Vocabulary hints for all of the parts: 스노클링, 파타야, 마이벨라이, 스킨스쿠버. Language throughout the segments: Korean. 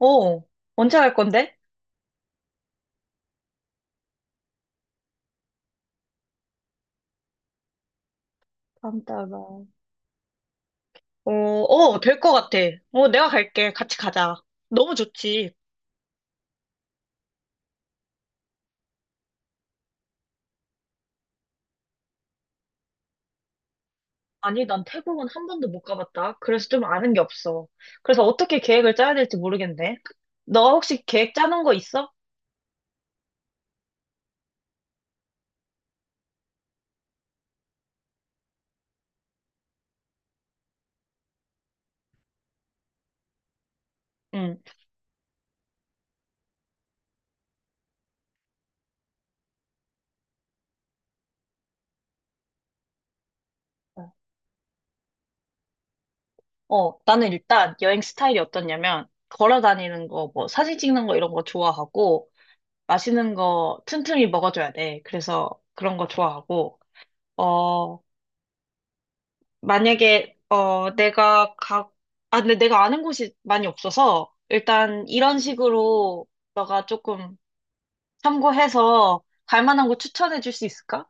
어, 언제 갈 건데? 다음 달 말. 될 것 같아. 내가 갈게. 같이 가자. 너무 좋지. 아니, 난 태국은 한 번도 못 가봤다. 그래서 좀 아는 게 없어. 그래서 어떻게 계획을 짜야 될지 모르겠네. 너 혹시 계획 짜는 거 있어? 응. 나는 일단 여행 스타일이 어떻냐면, 걸어 다니는 거, 뭐, 사진 찍는 거 이런 거 좋아하고, 맛있는 거 틈틈이 먹어줘야 돼. 그래서 그런 거 좋아하고, 어, 만약에 어 내가 가 아 근데 내가 아는 곳이 많이 없어서 일단 이런 식으로 너가 조금 참고해서 갈 만한 곳 추천해 줄 수 있을까?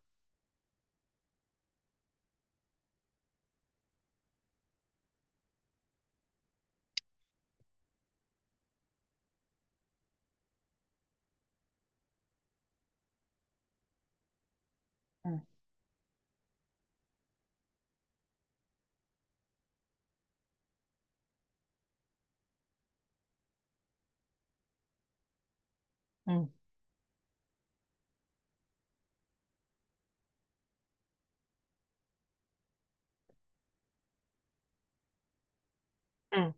응, 응, 응,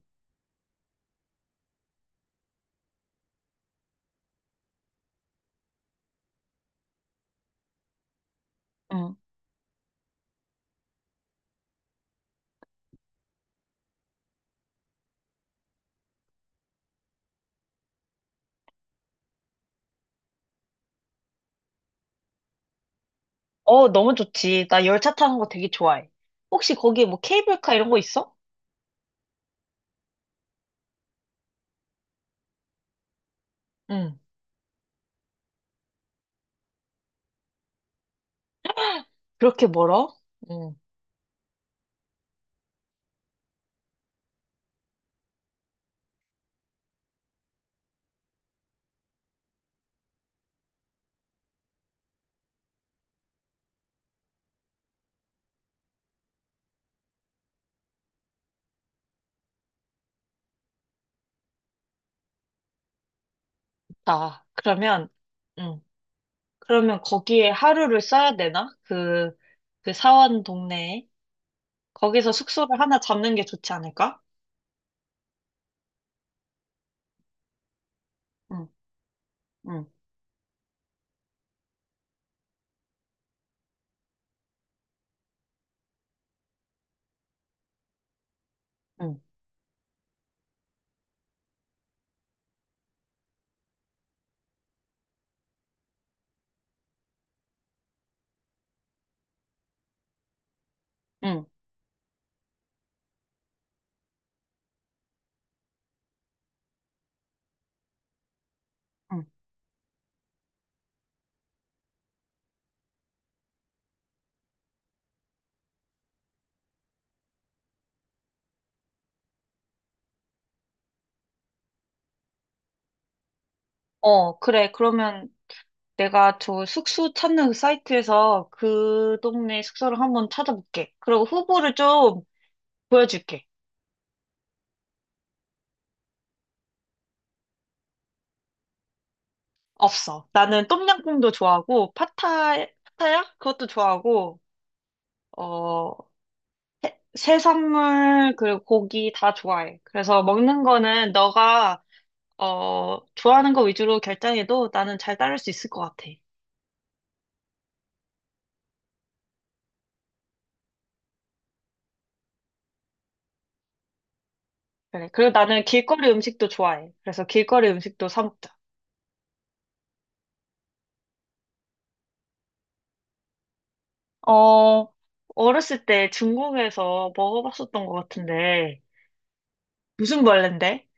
응. 너무 좋지. 나 열차 타는 거 되게 좋아해. 혹시 거기에 뭐 케이블카 이런 거 있어? 응. 그렇게 멀어? 응. 아, 그러면 응. 그러면 거기에 하루를 써야 되나? 사원 동네에 거기서 숙소를 하나 잡는 게 좋지 않을까? 응, 응, 응, 응. 어, 그래. 그러면 내가 저 숙소 찾는 그 사이트에서 그 동네 숙소를 한번 찾아볼게. 그리고 후보를 좀 보여줄게. 없어. 나는 똠양꿍도 좋아하고, 파타야? 그것도 좋아하고, 어, 해- 해산물, 그리고 고기 다 좋아해. 그래서 먹는 거는 너가, 어, 좋아하는 거 위주로 결정해도 나는 잘 따를 수 있을 것 같아. 그래. 그리고 나는 길거리 음식도 좋아해. 그래서 길거리 음식도 사 먹자. 어, 어렸을 때 중국에서 먹어봤었던 것 같은데, 무슨 벌레인데?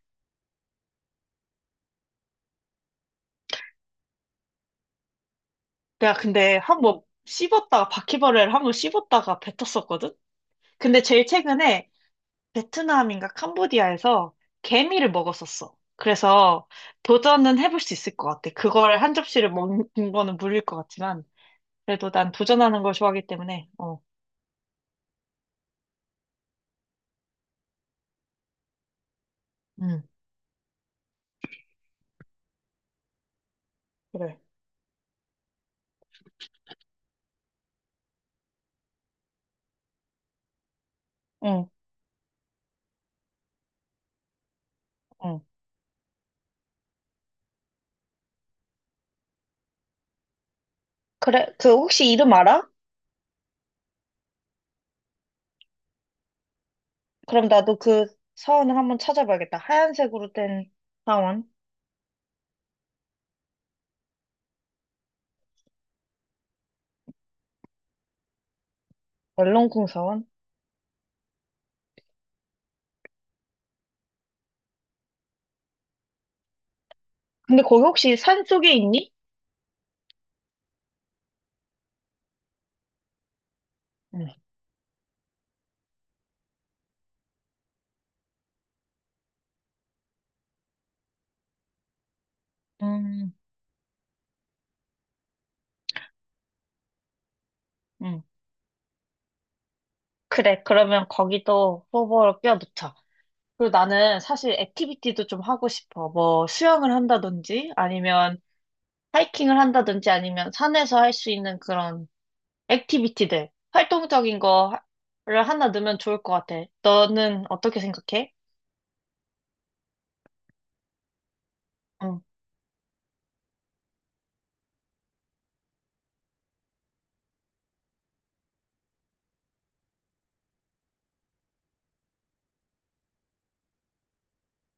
내가 근데 한 번 씹었다가, 바퀴벌레를 한 번 씹었다가 뱉었었거든? 근데 제일 최근에 베트남인가 캄보디아에서 개미를 먹었었어. 그래서 도전은 해볼 수 있을 것 같아. 그걸 한 접시를 먹는 거는 물릴 것 같지만, 그래도 난 도전하는 걸 좋아하기 때문에, 음, 그래. 응, 응. 그래, 그 혹시 이름 알아? 그럼 나도 그 사원을 한번 찾아봐야겠다. 하얀색으로 된 사원, 얼렁쿵 사원. 근데 거기 혹시 산 속에 있니? 응. 음, 음. 그래, 그러면 거기도 뽑아로 껴놓자. 그리고 나는 사실 액티비티도 좀 하고 싶어. 뭐 수영을 한다든지 아니면 하이킹을 한다든지 아니면 산에서 할 수 있는 그런 액티비티들, 활동적인 거를 하나 넣으면 좋을 것 같아. 너는 어떻게 생각해? 응.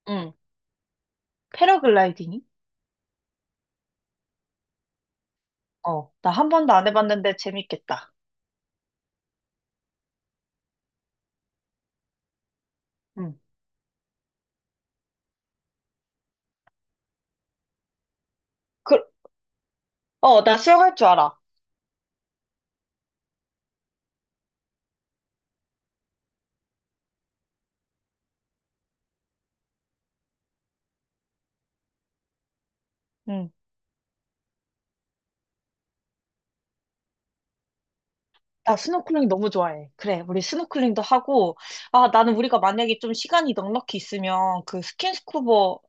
응. 패러글라이딩이? 어, 나 한 번도 안 해봤는데 재밌겠다. 응. 그, 나 수영할 줄 알아. 응. 나 스노클링 너무 좋아해. 그래, 우리 스노클링도 하고, 아, 나는 우리가 만약에 좀 시간이 넉넉히 있으면 그 스킨스쿠버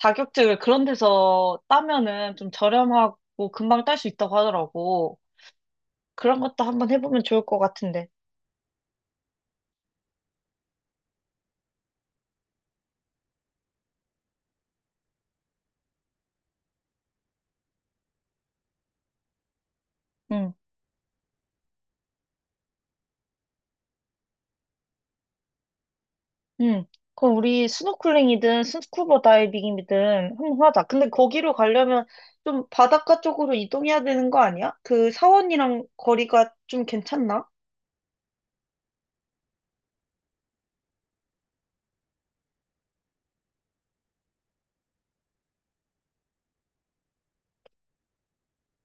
자격증을 그런 데서 따면은 좀 저렴하고 금방 딸 수 있다고 하더라고. 그런 것도 한번 해보면 좋을 것 같은데. 응. 응. 그럼 우리 스노클링이든 스쿠버 다이빙이든 한번 하자. 근데 거기로 가려면 좀 바닷가 쪽으로 이동해야 되는 거 아니야? 그 사원이랑 거리가 좀 괜찮나?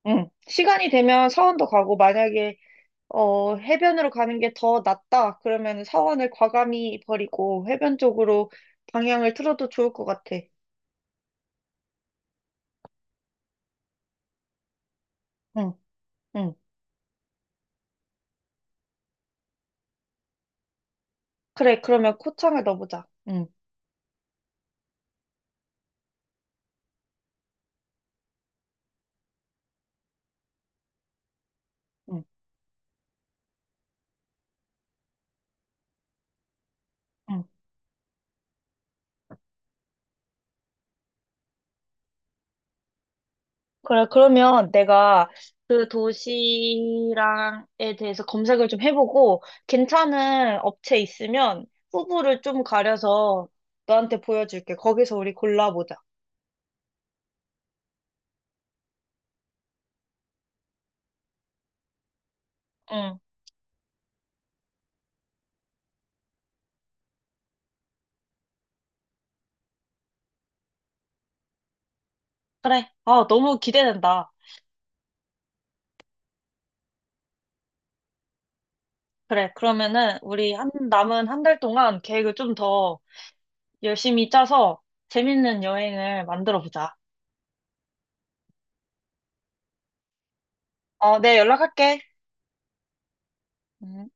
응. 시간이 되면 사원도 가고 만약에 어 해변으로 가는 게 더 낫다. 그러면 사원을 과감히 버리고 해변 쪽으로 방향을 틀어도 좋을 것 같아. 응. 응. 그래. 그러면 코창을 넣어보자. 응. 응. 응. 그래, 그러면 내가 그 도시랑에 대해서 검색을 좀 해보고, 괜찮은 업체 있으면 후보를 좀 가려서 너한테 보여줄게. 거기서 우리 골라보자. 응, 그래. 아, 너무 기대된다. 그래, 그러면은 우리 남은 한 달 동안 계획을 좀 더 열심히 짜서 재밌는 여행을 만들어 보자. 어, 네, 연락할게. 음.